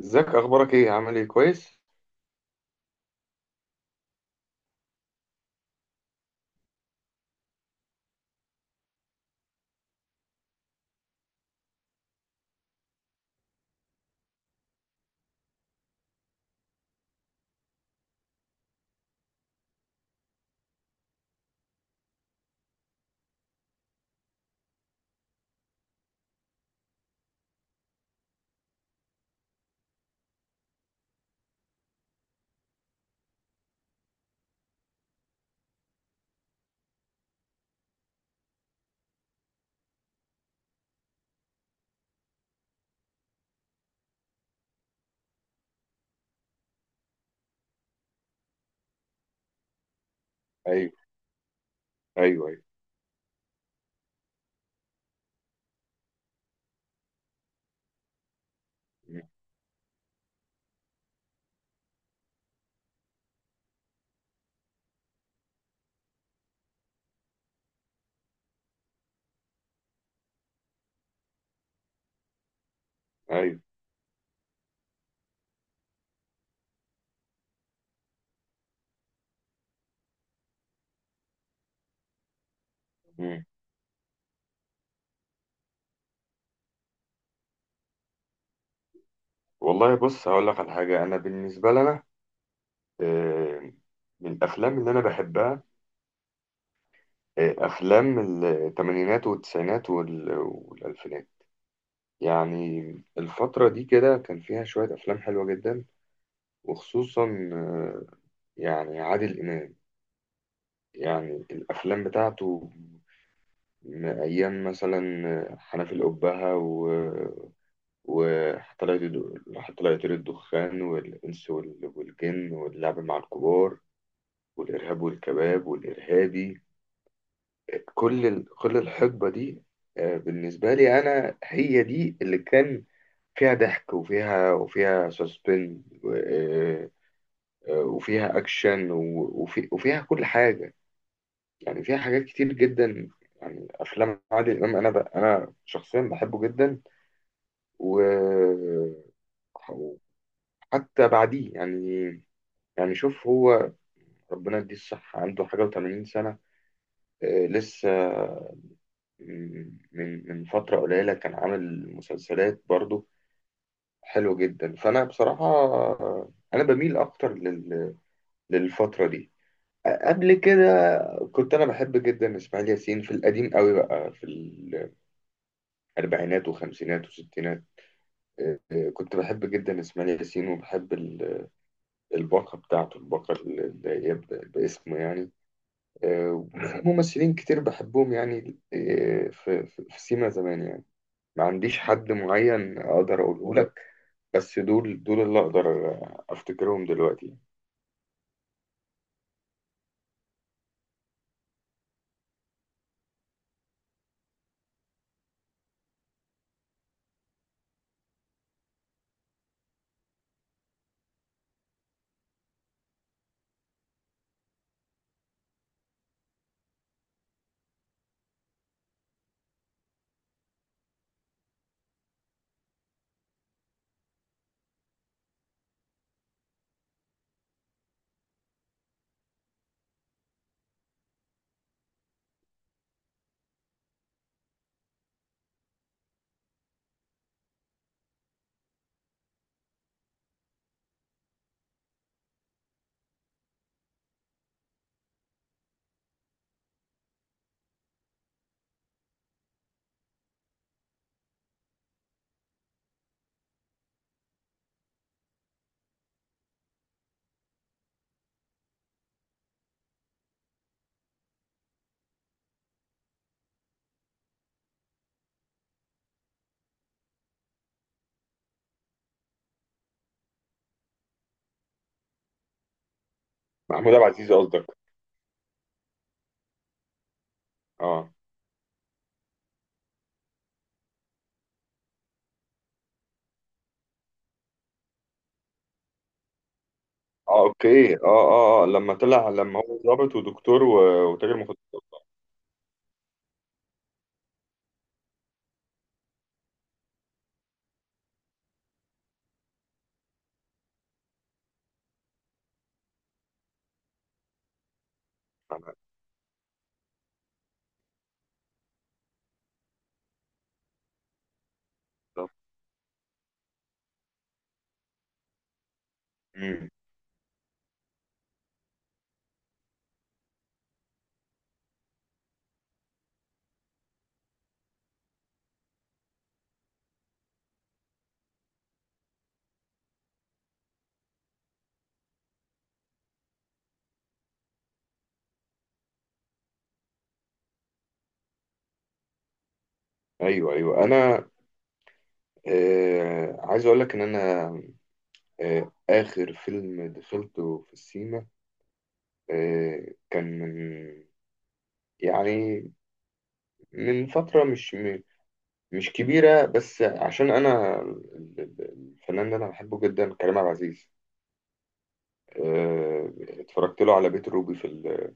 ازيك؟ اخبارك ايه؟ عامل ايه؟ كويس؟ ايوه، ايوه، ايوه. مم. ايوه. مم. والله، بص هقول لك على حاجه. انا بالنسبه لنا، آه، من الافلام اللي انا بحبها افلام الثمانينات والتسعينات والالفينات. يعني الفتره دي كده كان فيها شويه افلام حلوه جدا، وخصوصا آه، يعني عادل امام، يعني الافلام بتاعته من ايام، مثلا حنفي الأبهة، وطلعت الدخان، والإنس والجن، واللعب مع الكبار، والإرهاب والكباب، والإرهابي. كل الحقبة دي بالنسبة لي، أنا هي دي اللي كان فيها ضحك، وفيها سسبن، وفيها أكشن، وفيها كل حاجة. يعني فيها حاجات كتير جدا. يعني أفلام عادل إمام، أنا شخصيا بحبه جدا. و وحتى بعديه يعني. يعني شوف، هو ربنا يديه الصحة، عنده حاجة و80 سنة. لسه من فترة قليلة كان عامل مسلسلات برضو حلوة جدا. فأنا بصراحة أنا بميل أكتر للفترة دي. قبل كده كنت أنا بحب جدا إسماعيل ياسين في القديم قوي، بقى في الأربعينات وخمسينات وستينات. كنت بحب جدا إسماعيل ياسين، وبحب الباقة بتاعته، الباقة اللي هي باسمه يعني. وفي ممثلين كتير بحبهم يعني. في سيما زمان يعني. ما عنديش حد معين اقدر اقوله لك، بس دول دول اللي اقدر افتكرهم دلوقتي. محمود عبد العزيز قصدك؟ اه. اه، اوكي، اه، اه، اه. لما هو ضابط ودكتور وتاجر مخدرات. بالظبط. مم. ايوه، ايوه. انا عايز اقول لك ان انا اخر فيلم دخلته في السينما كان من، يعني من فترة مش كبيرة. بس عشان أنا الفنان اللي أنا بحبه جدا كريم عبد العزيز. آه، اتفرجت له على بيت الروبي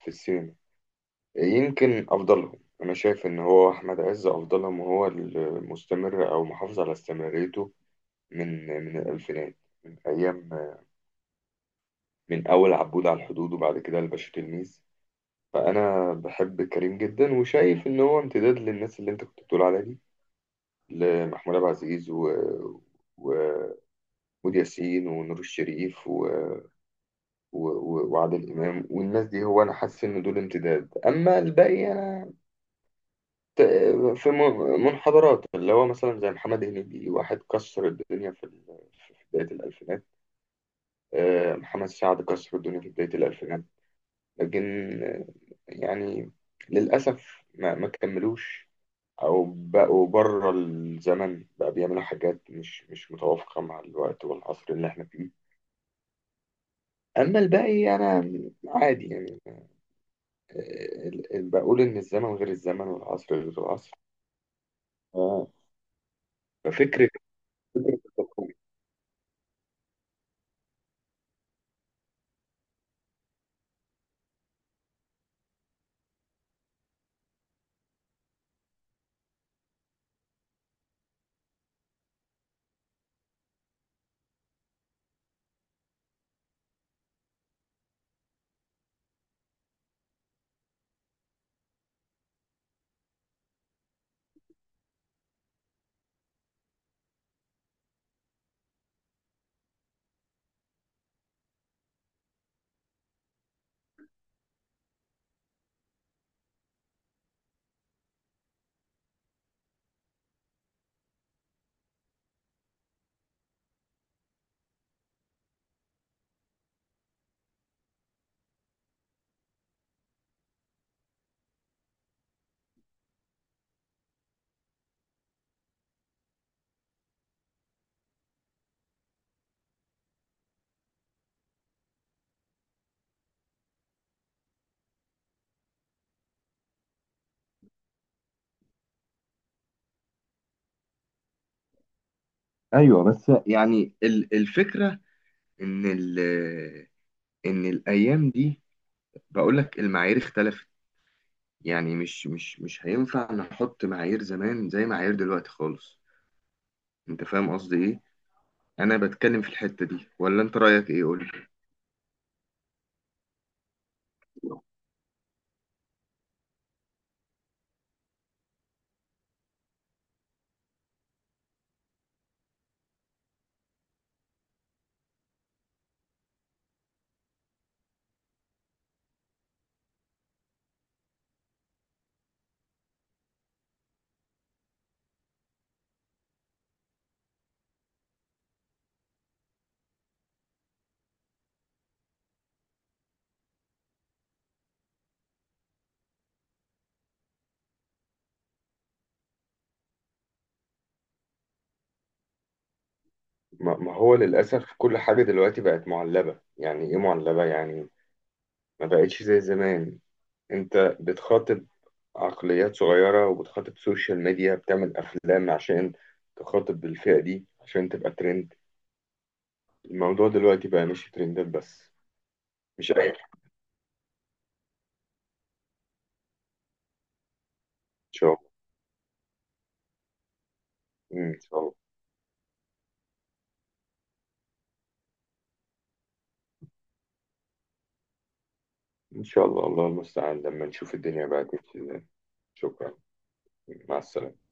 في السينما. يمكن أفضلهم، أنا شايف إن هو أحمد عز أفضلهم، وهو المستمر أو محافظ على استمراريته من الألفينات، من أيام، من أول عبود على الحدود، وبعد كده الباشا تلميذ. فأنا بحب كريم جدا، وشايف إن هو امتداد للناس اللي أنت كنت بتقول عليها دي، لمحمود عبد العزيز و... محمود ياسين ونور الشريف وعادل إمام والناس دي. هو أنا حاسس إن دول امتداد. أما الباقي أنا ت- في منحدرات، اللي هو مثلا زي محمد هنيدي، واحد كسر الدنيا في بداية الألفينات. محمد سعد كسر الدنيا في بداية الألفينات. لكن آه، يعني للأسف ما كملوش، أو بقوا بره الزمن، بقى بيعملوا حاجات مش متوافقة مع الوقت والعصر اللي احنا فيه. أما الباقي أنا عادي يعني. بقول إن الزمن غير الزمن، والعصر غير العصر. اه. ففكرة التقويم. ايوه. بس يعني الفكره، ان ال ان الايام دي، بقول لك المعايير اختلفت. يعني مش هينفع نحط معايير زمان زي معايير دلوقتي خالص. انت فاهم قصدي ايه؟ انا بتكلم في الحته دي، ولا انت رايك ايه؟ قول لي. ما هو للأسف كل حاجة دلوقتي بقت معلبة. يعني إيه معلبة؟ يعني ما بقتش زي زمان. أنت بتخاطب عقليات صغيرة، وبتخاطب سوشيال ميديا، بتعمل أفلام عشان تخاطب الفئة دي عشان تبقى ترند. الموضوع دلوقتي بقى مش ترندات بس، مش أي حاجة. إن شاء الله. إن شاء الله. إن شاء الله، الله المستعان. لما نشوف الدنيا بقى تمشي إزاي. شكرا. مع السلامة.